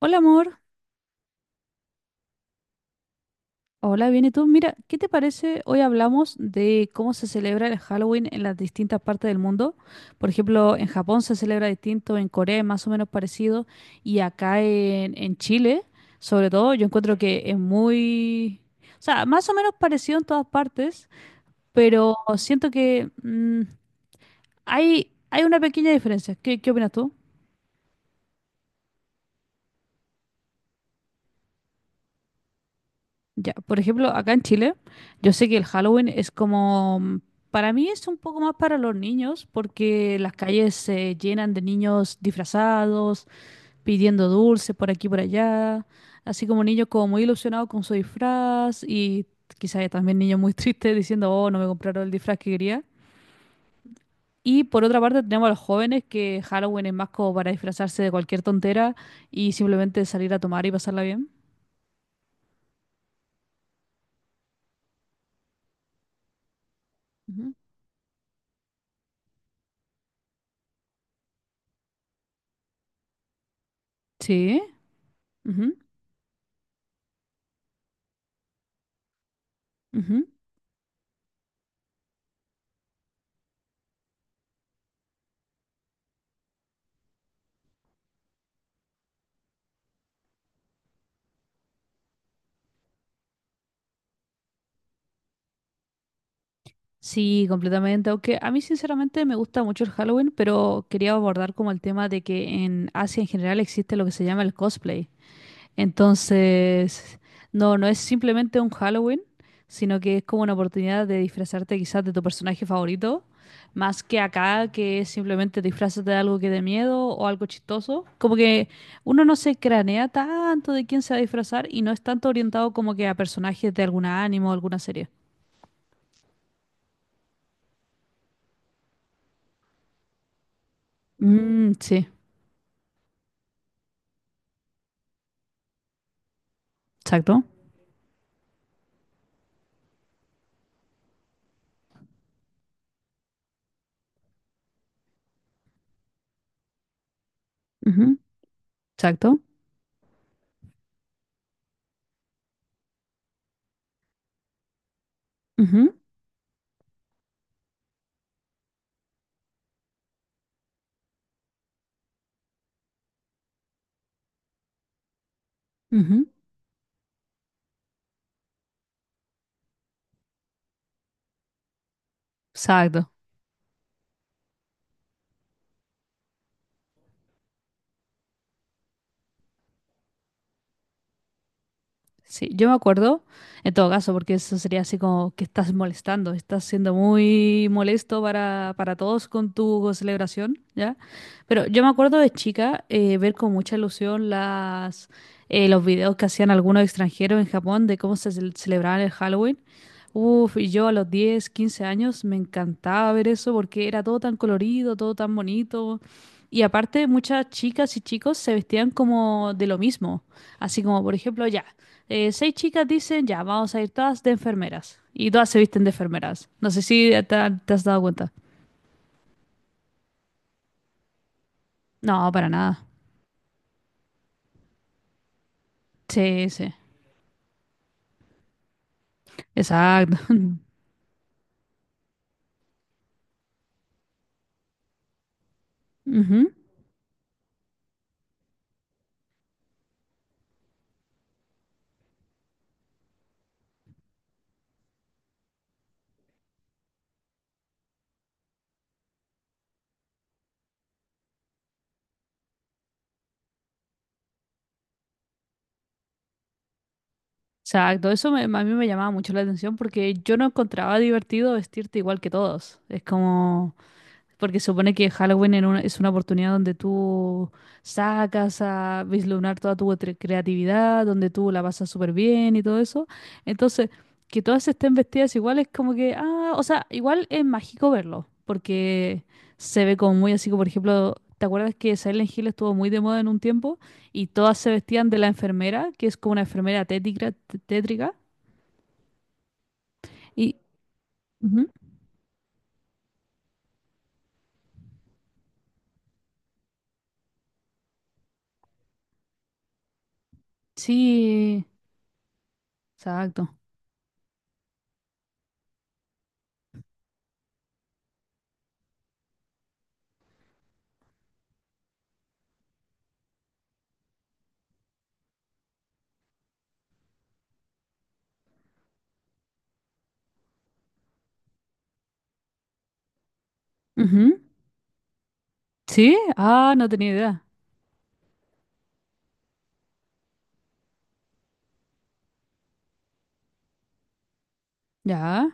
Hola amor, hola, bien, ¿y tú? Mira, ¿qué te parece? Hoy hablamos de cómo se celebra el Halloween en las distintas partes del mundo. Por ejemplo, en Japón se celebra distinto, en Corea es más o menos parecido, y acá en Chile, sobre todo, yo encuentro que es muy... O sea, más o menos parecido en todas partes, pero siento que hay una pequeña diferencia. ¿Qué opinas tú? Ya, por ejemplo, acá en Chile, yo sé que el Halloween es como, para mí es un poco más para los niños, porque las calles se llenan de niños disfrazados, pidiendo dulces por aquí y por allá, así como niños como muy ilusionados con su disfraz y quizás también niños muy tristes diciendo, oh, no me compraron el disfraz que quería. Y por otra parte tenemos a los jóvenes que Halloween es más como para disfrazarse de cualquier tontera y simplemente salir a tomar y pasarla bien. Ujú. Sí. Ujú, ujú. Sí, completamente. Aunque a mí sinceramente me gusta mucho el Halloween, pero quería abordar como el tema de que en Asia en general existe lo que se llama el cosplay. Entonces, no es simplemente un Halloween, sino que es como una oportunidad de disfrazarte quizás de tu personaje favorito, más que acá que es simplemente disfrazarte de algo que dé miedo o algo chistoso. Como que uno no se cranea tanto de quién se va a disfrazar y no es tanto orientado como que a personajes de alguna anime o alguna serie. Mm, sí, exacto. Ujú, exacto. Ujú, ujú, exacto. Sí, yo me acuerdo, en todo caso, porque eso sería así como que estás molestando, estás siendo muy molesto para todos con tu celebración, ¿ya? Pero yo me acuerdo de chica ver con mucha ilusión los videos que hacían algunos extranjeros en Japón de cómo se celebraban el Halloween. Uf, y yo a los 10, 15 años me encantaba ver eso porque era todo tan colorido, todo tan bonito. Y aparte, muchas chicas y chicos se vestían como de lo mismo. Así como, por ejemplo, ya seis chicas dicen, ya, vamos a ir todas de enfermeras. Y todas se visten de enfermeras. No sé si te, te has dado cuenta. No, para nada. Sí, sí. Exacto. Ujú. Exacto. A mí me llamaba mucho la atención porque yo no encontraba divertido vestirte igual que todos. Es como... Porque se supone que Halloween es una oportunidad donde tú sacas a vislumbrar toda tu creatividad, donde tú la pasas súper bien y todo eso. Entonces, que todas estén vestidas igual es como que, ah, o sea, igual es mágico verlo, porque se ve como muy así, como por ejemplo, ¿te acuerdas que Silent Hill estuvo muy de moda en un tiempo y todas se vestían de la enfermera, que es como una enfermera tétrica? Y, ujú, sí, exacto. Ujú. Sí, ah, no tenía idea. Ya.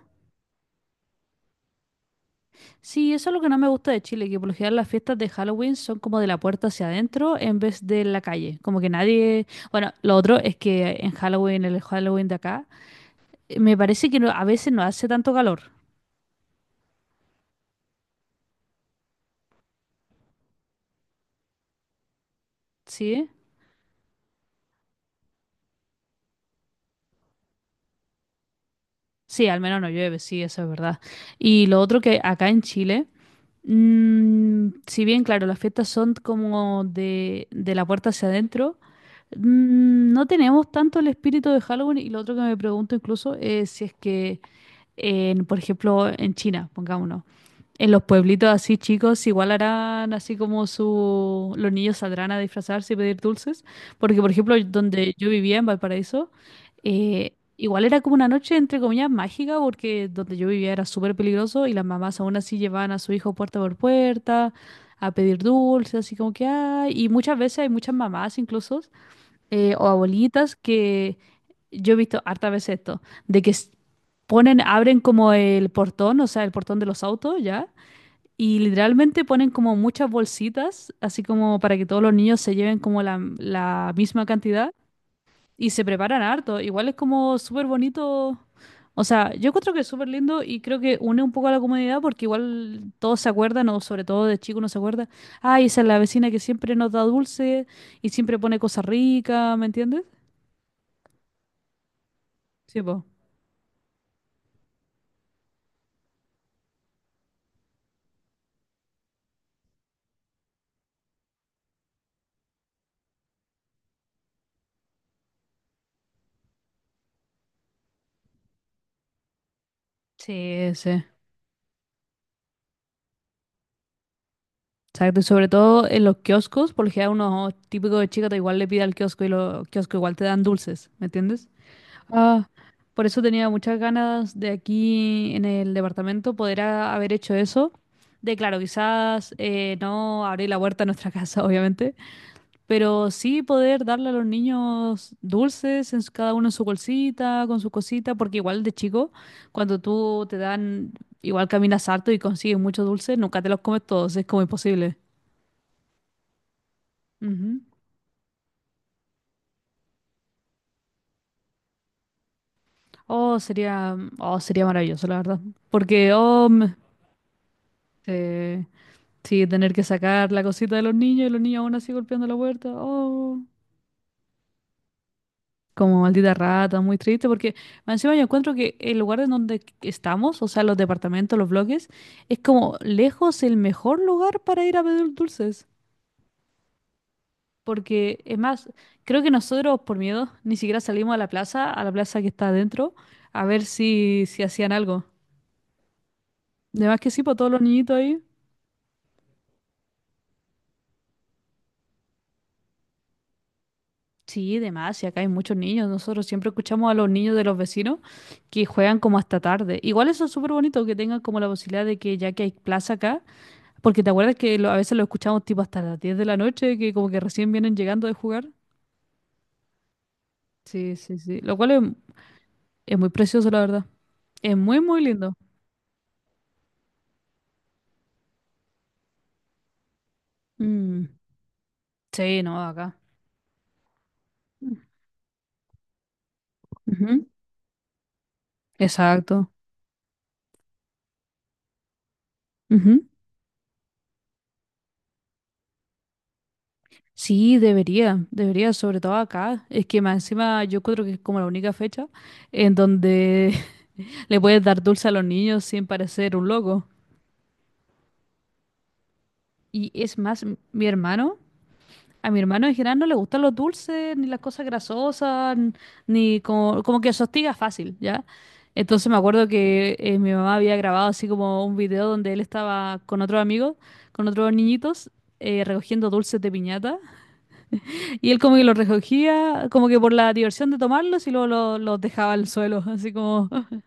Sí, eso es lo que no me gusta de Chile, que por lo general las fiestas de Halloween son como de la puerta hacia adentro en vez de la calle. Como que nadie... Bueno, lo otro es que en Halloween, el Halloween de acá, me parece que a veces no hace tanto calor, ¿sí? Sí, al menos no llueve, sí, eso es verdad. Y lo otro que acá en Chile, si bien, claro, las fiestas son como de la puerta hacia adentro, no tenemos tanto el espíritu de Halloween y lo otro que me pregunto incluso es si es que... en, por ejemplo, en China, pongámonos. En los pueblitos así chicos, igual harán así como su... los niños saldrán a disfrazarse y pedir dulces. Porque, por ejemplo, donde yo vivía en Valparaíso, igual era como una noche, entre comillas, mágica, porque donde yo vivía era súper peligroso y las mamás aún así llevaban a su hijo puerta por puerta a pedir dulces, así como que hay. Y muchas veces hay muchas mamás incluso o abuelitas que yo he visto harta veces esto, ponen, abren como el portón, o sea, el portón de los autos, ¿ya? Y literalmente ponen como muchas bolsitas, así como para que todos los niños se lleven como la misma cantidad y se preparan harto. Igual es como súper bonito. O sea, yo encuentro que es súper lindo y creo que une un poco a la comunidad porque igual todos se acuerdan, o sobre todo de chico uno se acuerda, ay, esa es la vecina que siempre nos da dulce y siempre pone cosas ricas, ¿me entiendes? Sí, po. Sí, sí. Exacto. Y sobre todo en los kioscos, porque a unos típicos de chica te igual le pide al kiosco y los kioscos igual te dan dulces, ¿me entiendes? Ah, por eso tenía muchas ganas de aquí en el departamento haber hecho eso. De claro, quizás no abrir la puerta a nuestra casa, obviamente, pero sí poder darle a los niños dulces, cada uno en su bolsita, con su cosita, porque igual de chico, cuando tú te dan, igual caminas harto y consigues muchos dulces, nunca te los comes todos, es como imposible. Ujú. Oh, sería maravilloso, la verdad. Porque, oh, me- eh, sí, tener que sacar la cosita de los niños y los niños aún así golpeando la puerta, oh. Como maldita rata, muy triste, porque más encima yo encuentro que el lugar en donde estamos, o sea, los departamentos, los bloques, es como lejos el mejor lugar para ir a pedir dulces. Porque es más, creo que nosotros por miedo ni siquiera salimos a la plaza que está adentro, a ver si hacían algo. De más que sí, por todos los niñitos ahí. Sí, de más, y acá hay muchos niños. Nosotros siempre escuchamos a los niños de los vecinos que juegan como hasta tarde. Igual eso es súper bonito que tengan como la posibilidad de que ya que hay plaza acá. Porque te acuerdas que a veces lo escuchamos tipo hasta las 10 de la noche, que como que recién vienen llegando de jugar. Sí, sí, sí. Lo cual es muy precioso, la verdad. Es muy, muy lindo. Mm, sí, no, acá. Mm. Ujú, exacto. Ujú. Sí, debería, debería, sobre todo acá. Es que más encima yo creo que es como la única fecha en donde le puedes dar dulce a los niños sin parecer un loco. Y es más, mi hermano. A mi hermano en general no le gustan los dulces, ni las cosas grasosas, ni como, como que se hostiga fácil, ¿ya? Entonces me acuerdo que mi mamá había grabado así como un video donde él estaba con otro amigo, con otros niñitos, recogiendo dulces de piñata. Y él como que los recogía, como que por la diversión de tomarlos y luego los dejaba al suelo, así como...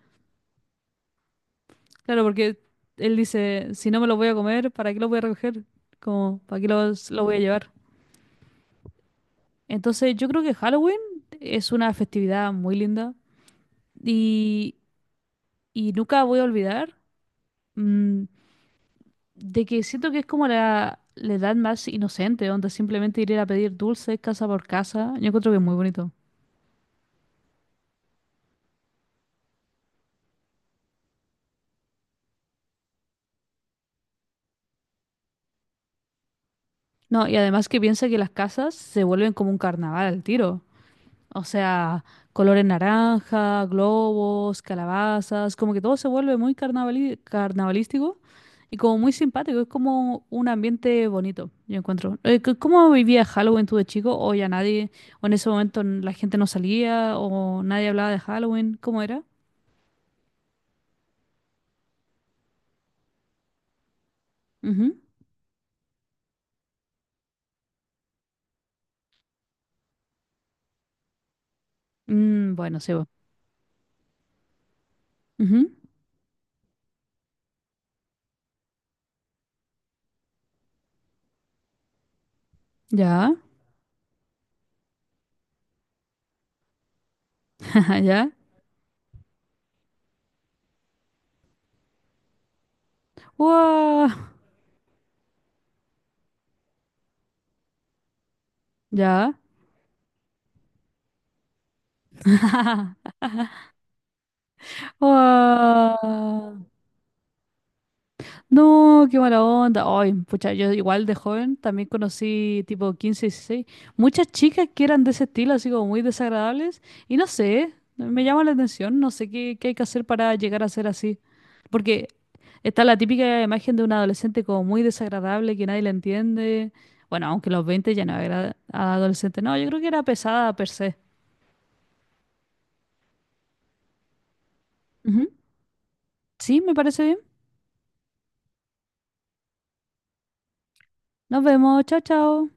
Claro, porque él dice, si no me los voy a comer, ¿para qué los voy a recoger? Como, ¿para qué los voy a llevar? Entonces, yo creo que Halloween es una festividad muy linda y, y nunca voy a olvidar mm, de que siento que es como la edad más inocente, donde simplemente ir a pedir dulces casa por casa. Yo encuentro que es muy bonito. No, y además que piensa que las casas se vuelven como un carnaval al tiro. O sea, colores naranja, globos, calabazas, como que todo se vuelve muy carnavalístico y como muy simpático. Es como un ambiente bonito, yo encuentro. ¿Cómo vivía Halloween tú de chico? ¿O ya nadie, o en ese momento la gente no salía, o nadie hablaba de Halloween? ¿Cómo era? Ujú. Mm, bueno, sí, bueno. Ujú. Ya, ya. ¡Wow! Ya. ¡Wow! No, qué mala onda. Ay, pucha, yo igual de joven también conocí tipo 15, 16, muchas chicas que eran de ese estilo, así como muy desagradables, y no sé, me llama la atención, no sé qué hay que hacer para llegar a ser así. Porque está la típica imagen de un adolescente como muy desagradable, que nadie le entiende. Bueno, aunque a los 20 ya no era adolescente, no, yo creo que era pesada per se. Ujú. Sí, me parece bien. Nos vemos, chao, chao.